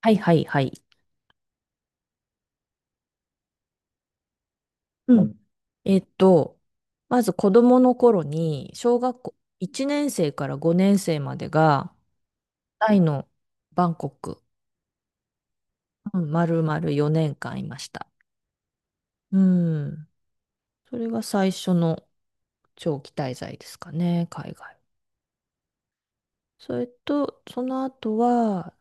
はいはいはい。うん。えっと、まず子供の頃に、小学校1年生から5年生までが、タイのバンコク、うん、丸々4年間いました。うん。それが最初の長期滞在ですかね、海外。それと、その後は、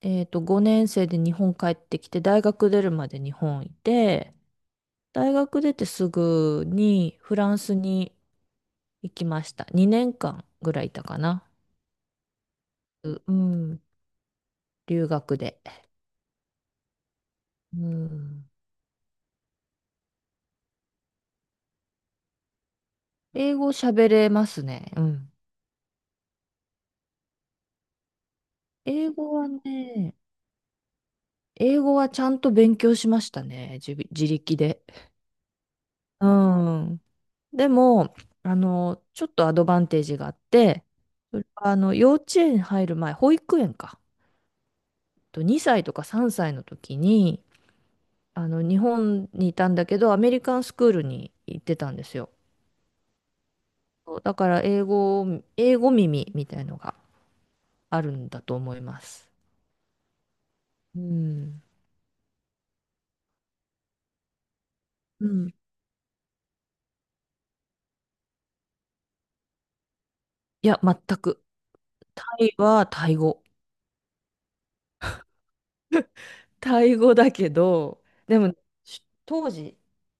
5年生で日本帰ってきて、大学出るまで日本いて、大学出てすぐにフランスに行きました。2年間ぐらいいたかな。うん、留学で。うん、英語喋れますね。うん。英語はね、英語はちゃんと勉強しましたね。自力で。うん。でも、ちょっとアドバンテージがあって、それは幼稚園入る前、保育園か。と2歳とか3歳の時に、日本にいたんだけど、アメリカンスクールに行ってたんですよ。そうだから英語耳みたいのがあるんだと思います。うん。うん。いや、全く。タイはタイ語。タイ語だけど、でも、当時、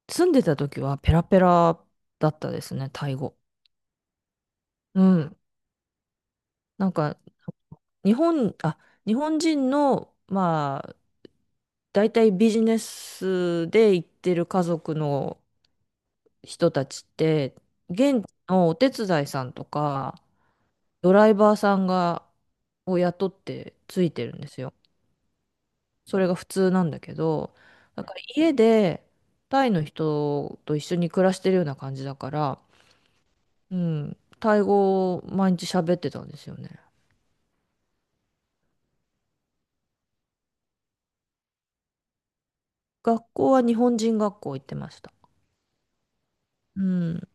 住んでた時はペラペラだったですね、タイ語。うん。なんか、日本、あ、日本人の、まあ、大体ビジネスで行ってる家族の人たちって、現地のお手伝いさんとか、ドライバーさんを雇ってついてるんですよ。それが普通なんだけど、だから家でタイの人と一緒に暮らしてるような感じだから、うん、タイ語を毎日喋ってたんですよね。学校は日本人学校行ってました。うん。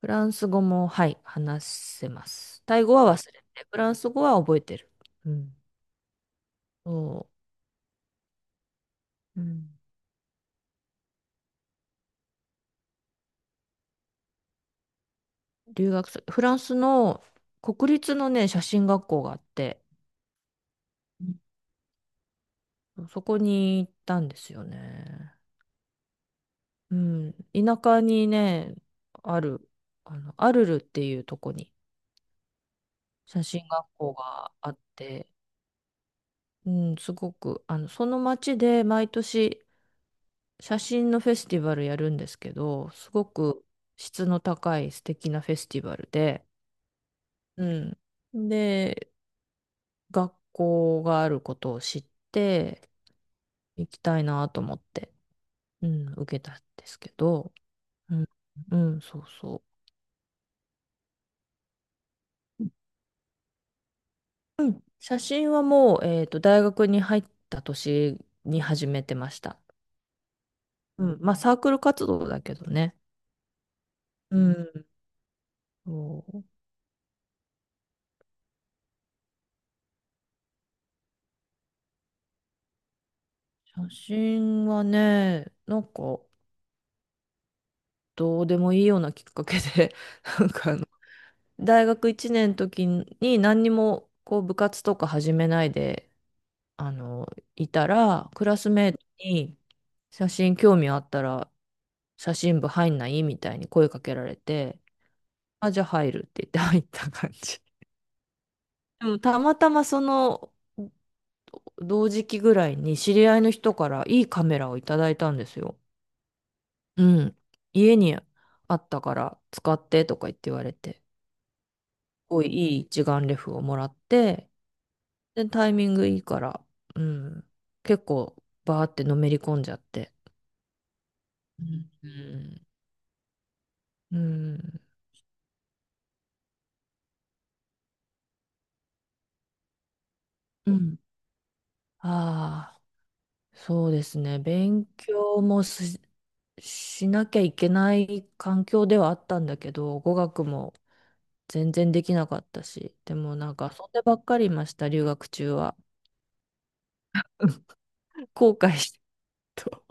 フランス語も、はい、話せます。タイ語は忘れて、フランス語は覚えてる。うん。そう。うん。留学す、フランスの国立のね、写真学校があって、そこに行ったんですよね。うん。田舎にね、ある、アルルっていうとこに写真学校があって、うん、すごく、その町で毎年写真のフェスティバルやるんですけど、すごく質の高い素敵なフェスティバルで、うん。で、学校があることを知って、行きたいなと思って、うん、受けたんですけど、うん、うん、そうそう。うん。写真はもう、大学に入った年に始めてました。うん。まあ、サークル活動だけどね。うん。そう。写真はね、なんか、どうでもいいようなきっかけで、なんか大学1年の時に何にも、こう、部活とか始めないで、あの、いたら、クラスメイトに、写真興味あったら、写真部入んないみたいに声かけられて、あ、じゃあ入るって言って入った感じ。でもたまたまその同時期ぐらいに知り合いの人からいいカメラをいただいたんですよ。うん。家にあったから使ってとか言って言われて、すごいいい一眼レフをもらって、で、タイミングいいから、うん。結構バーってのめり込んじゃって。うん。うん。うん。ああ、そうですね。勉強もしなきゃいけない環境ではあったんだけど、語学も全然できなかったし、でもなんか遊んでばっかりいました、留学中は。後悔してると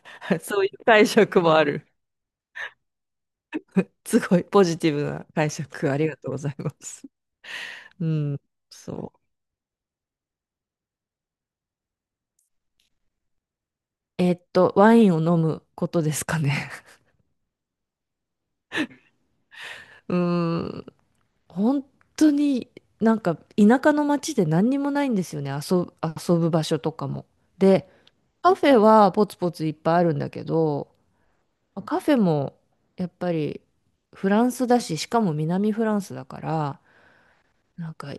そういう解釈もある すごいポジティブな解釈、ありがとうございます。うん、そう。ワインを飲むことですかね。うーん、本当になんか田舎の町で何にもないんですよね、遊ぶ場所とかも。で、カフェはポツポツいっぱいあるんだけど、まあカフェもやっぱりフランスだし、しかも南フランスだから、なんか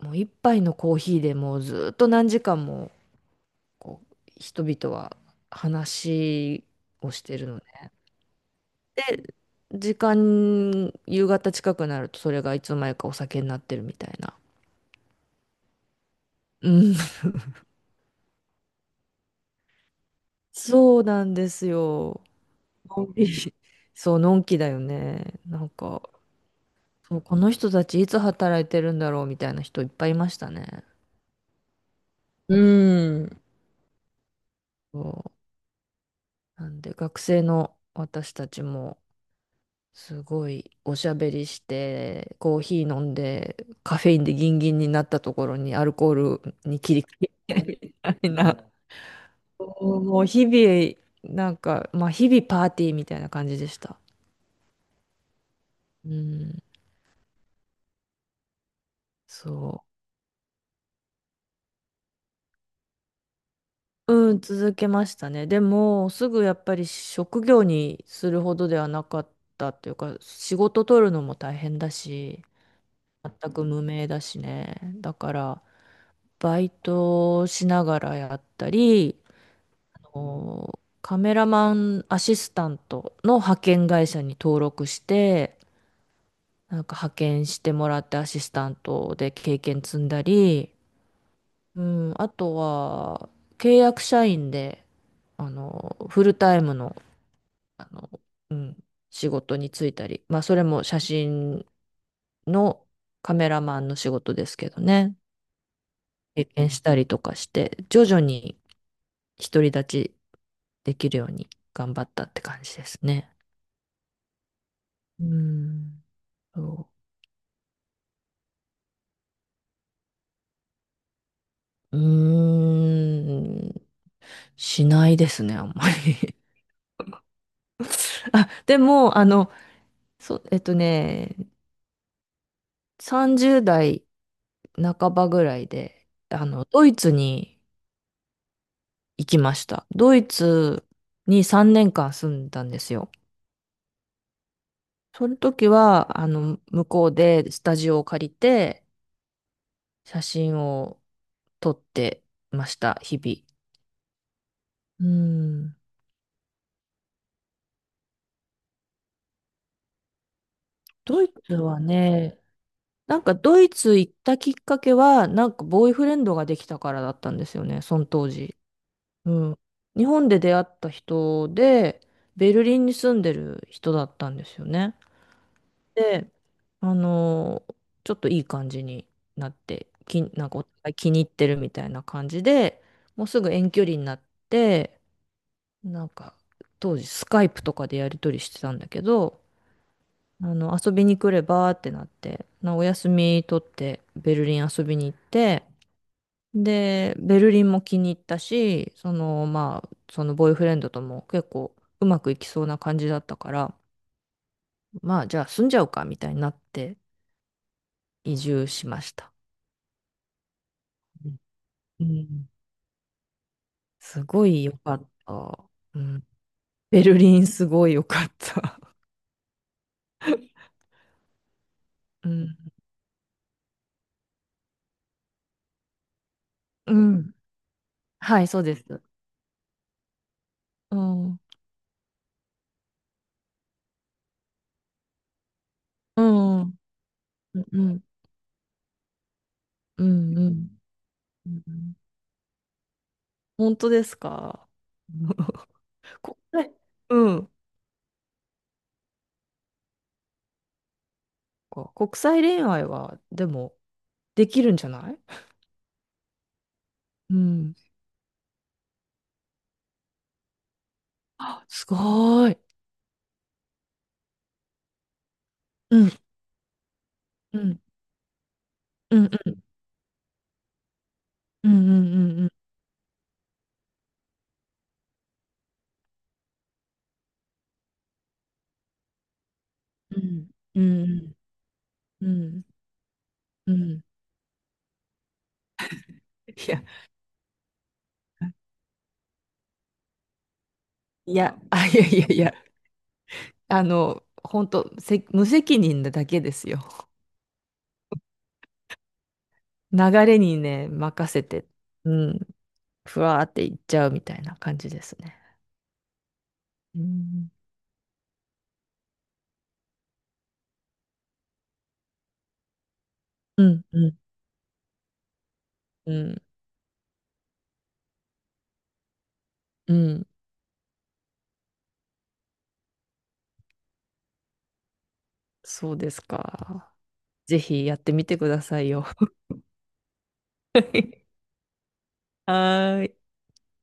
もう一杯のコーヒーでもうずっと何時間もこう人々は話をしてるので、で、夕方近くなるとそれがいつの間にかお酒になってるみたいな。うん、そうなんですよ。のんびり、そう、のんきだよね。なんか、そう、この人たちいつ働いてるんだろうみたいな人いっぱいいましたね。うん。そうなんで学生の私たちもすごいおしゃべりしてコーヒー飲んでカフェインでギンギンになったところにアルコールに切り替えてみたいな。 そう、もう日々なんか、まあ日々パーティーみたいな感じでした。うん、そう、うん、続けましたね。でもすぐやっぱり職業にするほどではなかったっていうか、仕事取るのも大変だし、全く無名だしね。だから、バイトをしながらやったり、カメラマンアシスタントの派遣会社に登録して、なんか派遣してもらってアシスタントで経験積んだり、うん、あとは、契約社員で、フルタイムの、あの、うん、仕事に就いたり、まあ、それも写真のカメラマンの仕事ですけどね。経験したりとかして、徐々に独り立ちできるように頑張ったって感じですね。うーん。そう。うーん。しないですね、あんまり。あ、でも、そう、30代半ばぐらいで、ドイツに行きました。ドイツに3年間住んだんですよ。その時は、向こうでスタジオを借りて、写真を撮ってました、日々。うん。ドイツはね、なんかドイツ行ったきっかけは、なんかボーイフレンドができたからだったんですよね、その当時。うん。日本で出会った人で、ベルリンに住んでる人だったんですよね。で、あのーちょっといい感じになって、なんかお互い気に入ってるみたいな感じで、もうすぐ遠距離になって、なんか、当時スカイプとかでやり取りしてたんだけど、遊びに来ればってなって、お休み取ってベルリン遊びに行って、で、ベルリンも気に入ったし、その、まあ、そのボーイフレンドとも結構うまくいきそうな感じだったから、まあ、じゃあ住んじゃうかみたいになって移住しました。うん。すごい良かった。うん。ベルリンすごい良かった。うん。うん。はい、そうです。うん。うん。うん、うん、うん。うん。本当ですか？ 国際、うん。国際恋愛は、でも、できるんじゃない？うん。あ、すごい。うん、うん、うん、うん、うん、うん、うん、うん、うん、うん。いや、いや、あ、いやいやいや、本当、無責任なだけですよ。流れにね、任せて、うん、ふわーっていっちゃうみたいな感じですね。うん、うん、うんうん、うん、そうですか？ぜひやってみてくださいよ。はーい。